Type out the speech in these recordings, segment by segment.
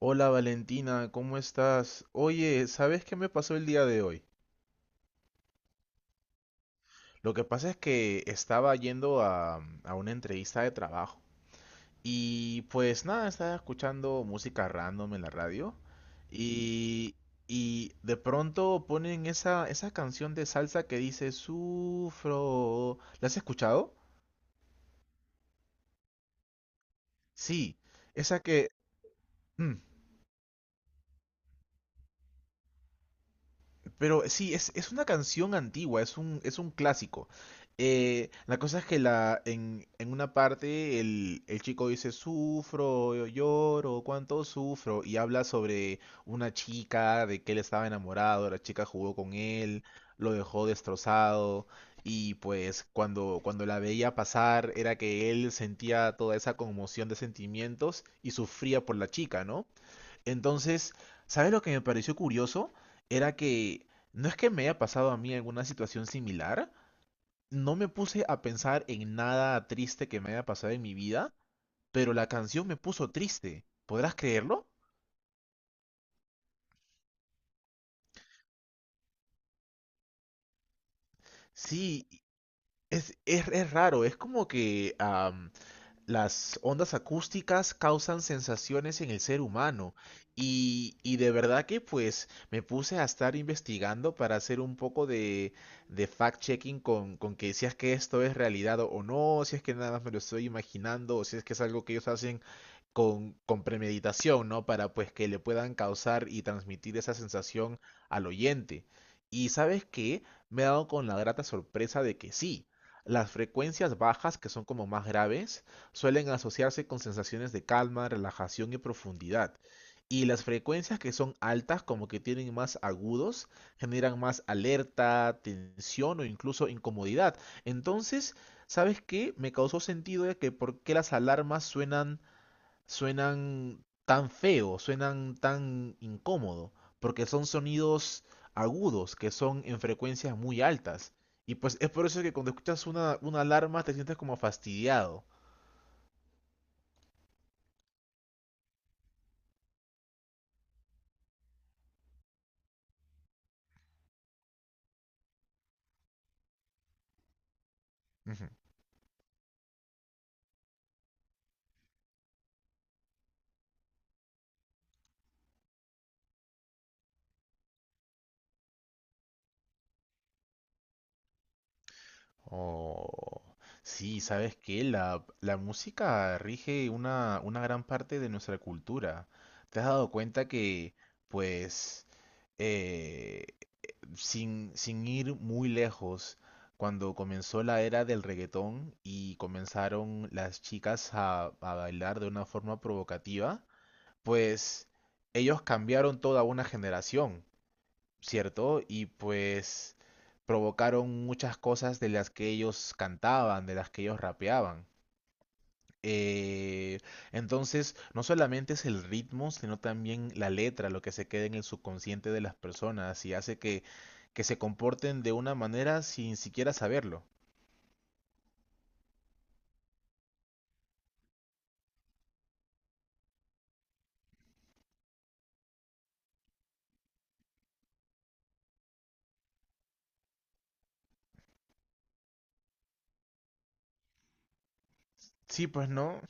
Hola Valentina, ¿cómo estás? Oye, ¿sabes qué me pasó el día de hoy? Lo que pasa es que estaba yendo a una entrevista de trabajo y pues nada, estaba escuchando música random en la radio y, y de pronto ponen esa canción de salsa que dice Sufro. ¿La has escuchado? Sí, esa que... Pero sí, es una canción antigua, es un clásico. La cosa es que en una parte el chico dice, sufro, lloro, cuánto sufro, y habla sobre una chica, de que él estaba enamorado, la chica jugó con él, lo dejó destrozado, y pues cuando la veía pasar era que él sentía toda esa conmoción de sentimientos y sufría por la chica, ¿no? Entonces, ¿sabes lo que me pareció curioso? Era que no es que me haya pasado a mí alguna situación similar, no me puse a pensar en nada triste que me haya pasado en mi vida, pero la canción me puso triste. ¿Podrás creerlo? Sí, es raro, es como que. Las ondas acústicas causan sensaciones en el ser humano y de verdad que pues me puse a estar investigando para hacer un poco de fact-checking con que si es que esto es realidad o no, si es que nada más me lo estoy imaginando o si es que es algo que ellos hacen con premeditación, ¿no? Para pues que le puedan causar y transmitir esa sensación al oyente. Y sabes qué, me he dado con la grata sorpresa de que sí, las frecuencias bajas, que son como más graves, suelen asociarse con sensaciones de calma, relajación y profundidad. Y las frecuencias que son altas, como que tienen más agudos, generan más alerta, tensión o incluso incomodidad. Entonces, ¿sabes qué? Me causó sentido de que por qué las alarmas suenan tan feo, suenan tan incómodo, porque son sonidos agudos, que son en frecuencias muy altas. Y pues es por eso que cuando escuchas una alarma te sientes como fastidiado. Ujú. Oh, sí, sabes que la música rige una gran parte de nuestra cultura. ¿Te has dado cuenta que, pues, eh, sin ir muy lejos, cuando comenzó la era del reggaetón y comenzaron las chicas a bailar de una forma provocativa, pues ellos cambiaron toda una generación. ¿Cierto? Y pues provocaron muchas cosas de las que ellos cantaban, de las que ellos rapeaban. Eh, entonces, no solamente es el ritmo, sino también la letra, lo que se queda en el subconsciente de las personas y hace que se comporten de una manera sin siquiera saberlo. Sí, pues no,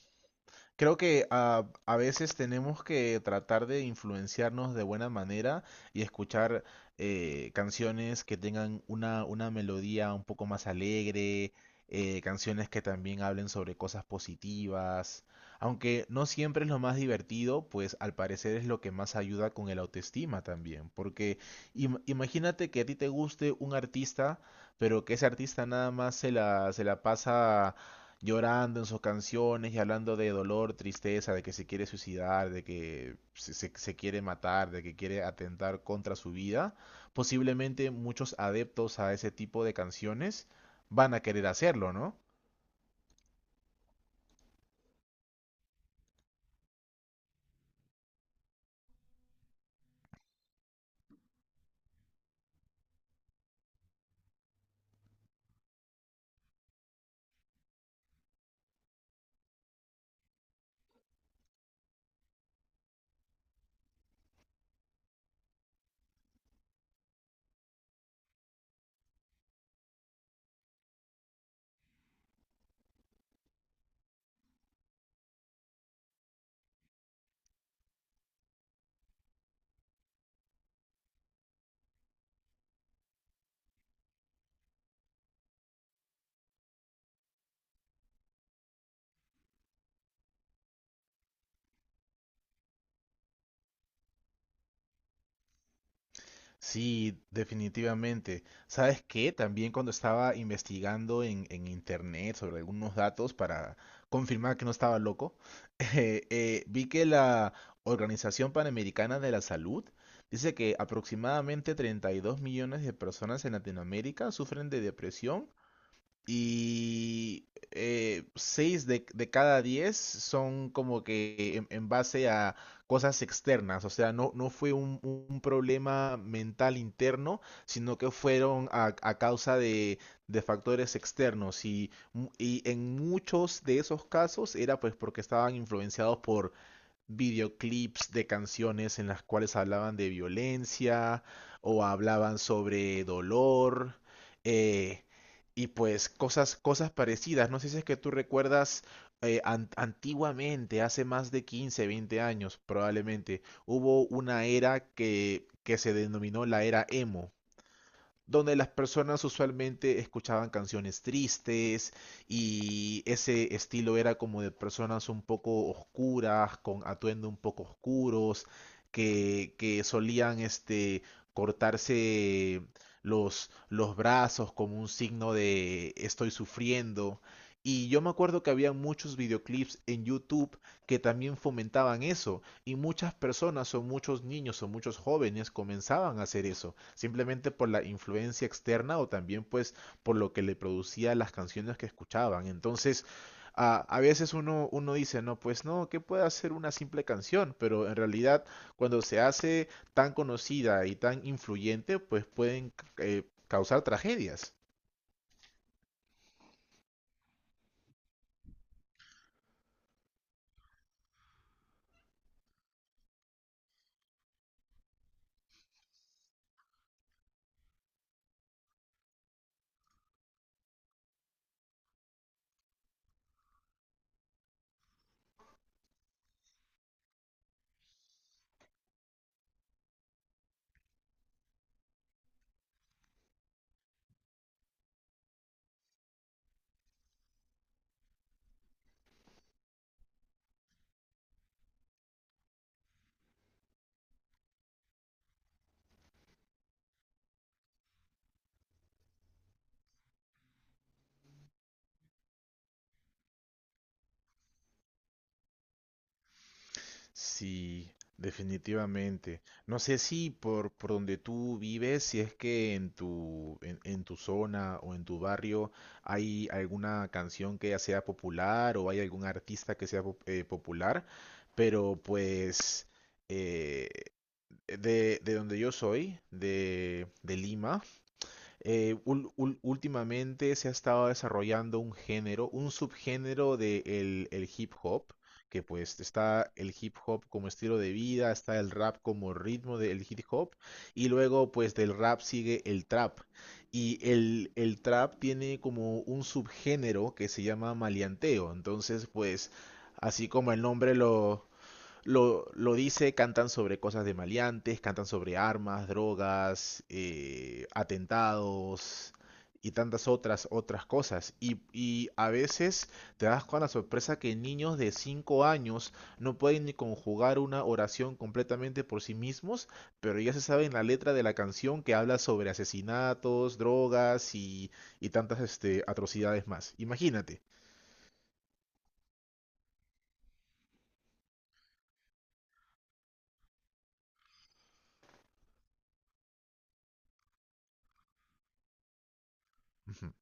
creo que veces tenemos que tratar de influenciarnos de buena manera y escuchar canciones que tengan una melodía un poco más alegre, canciones que también hablen sobre cosas positivas. Aunque no siempre es lo más divertido, pues al parecer es lo que más ayuda con el autoestima también. Porque imagínate que a ti te guste un artista, pero que ese artista nada más se la pasa llorando en sus canciones y hablando de dolor, tristeza, de que se quiere suicidar, de que se quiere matar, de que quiere atentar contra su vida, posiblemente muchos adeptos a ese tipo de canciones van a querer hacerlo, ¿no? Sí, definitivamente. ¿Sabes qué? También cuando estaba investigando en internet sobre algunos datos para confirmar que no estaba loco, vi que la Organización Panamericana de la Salud dice que aproximadamente 32 millones de personas en Latinoamérica sufren de depresión y seis de cada diez son como que en base a cosas externas, o sea, no fue un problema mental interno, sino que fueron a causa de factores externos y en muchos de esos casos era pues porque estaban influenciados por videoclips de canciones en las cuales hablaban de violencia o hablaban sobre dolor eh, y pues cosas parecidas. No sé si es que tú recuerdas antiguamente, hace más de 15 20 años probablemente, hubo una era que se denominó la era emo donde las personas usualmente escuchaban canciones tristes y ese estilo era como de personas un poco oscuras, con atuendo un poco oscuros, que solían cortarse los brazos como un signo de estoy sufriendo. Y yo me acuerdo que había muchos videoclips en YouTube que también fomentaban eso. Y muchas personas o muchos niños o muchos jóvenes comenzaban a hacer eso, simplemente por la influencia externa o también pues por lo que le producía las canciones que escuchaban. Entonces, a veces uno dice, no, pues no, ¿qué puede hacer una simple canción? Pero en realidad, cuando se hace tan conocida y tan influyente, pues pueden causar tragedias. Sí, definitivamente. No sé si por donde tú vives, si es que en tu zona o en tu barrio hay alguna canción que ya sea popular o hay algún artista que sea popular, pero pues eh, de donde yo soy, de Lima, últimamente se ha estado desarrollando un género, un subgénero de el hip hop, que pues está el hip hop como estilo de vida, está el rap como ritmo del hip hop, y luego pues del rap sigue el trap. Y el trap tiene como un subgénero que se llama maleanteo. Entonces, pues, así como el nombre lo dice, cantan sobre cosas de maleantes, cantan sobre armas, drogas, atentados y tantas otras cosas. Y a veces te das con la sorpresa que niños de 5 años no pueden ni conjugar una oración completamente por sí mismos, pero ya se sabe en la letra de la canción que habla sobre asesinatos, drogas y tantas atrocidades más. Imagínate. Ujú,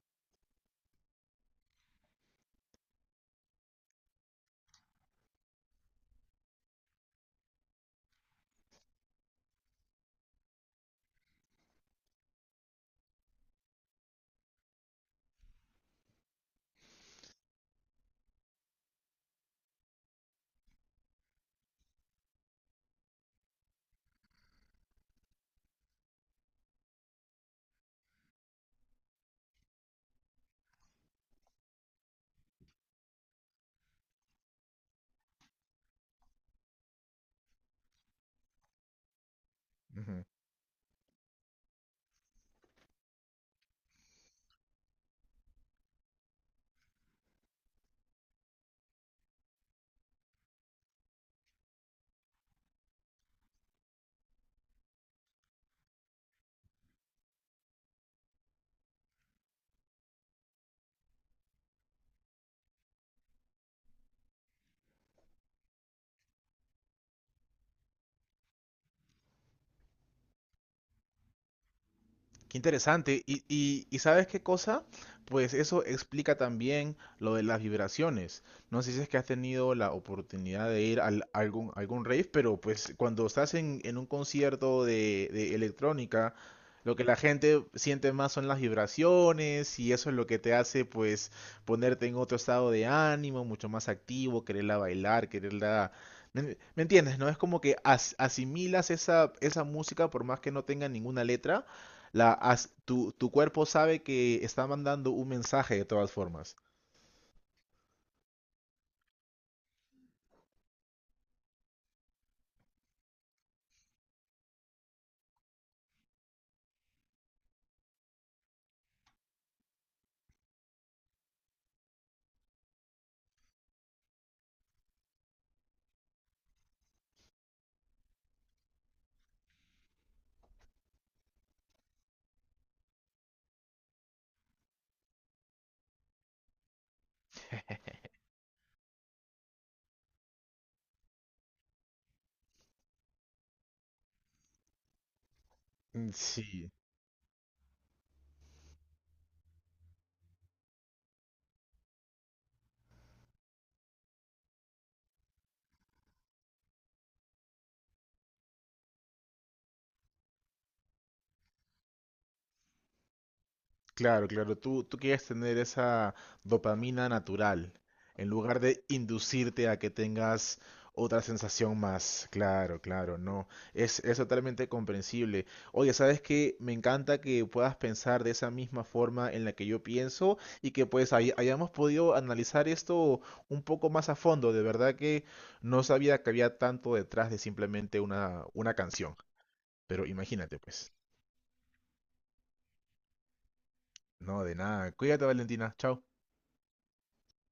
ujú. Qué interesante. Y ¿sabes qué cosa? Pues eso explica también lo de las vibraciones. No sé si es que has tenido la oportunidad de ir a algún rave, pero pues cuando estás en un concierto de electrónica, lo que la gente siente más son las vibraciones y eso es lo que te hace pues ponerte en otro estado de ánimo, mucho más activo, quererla bailar, quererla... ¿Me me entiendes? ¿No? Es como que asimilas esa música por más que no tenga ninguna letra tu cuerpo sabe que está mandando un mensaje de todas formas. Sí. Claro, claro, tú quieres tener esa dopamina natural en lugar de inducirte a que tengas otra sensación más. Claro, claro, no. Es totalmente comprensible. Oye, ¿sabes qué? Me encanta que puedas pensar de esa misma forma en la que yo pienso y que pues hayamos podido analizar esto un poco más a fondo. De verdad que no sabía que había tanto detrás de simplemente una canción. Pero imagínate, pues. No, de nada. Cuídate, Valentina. Chao.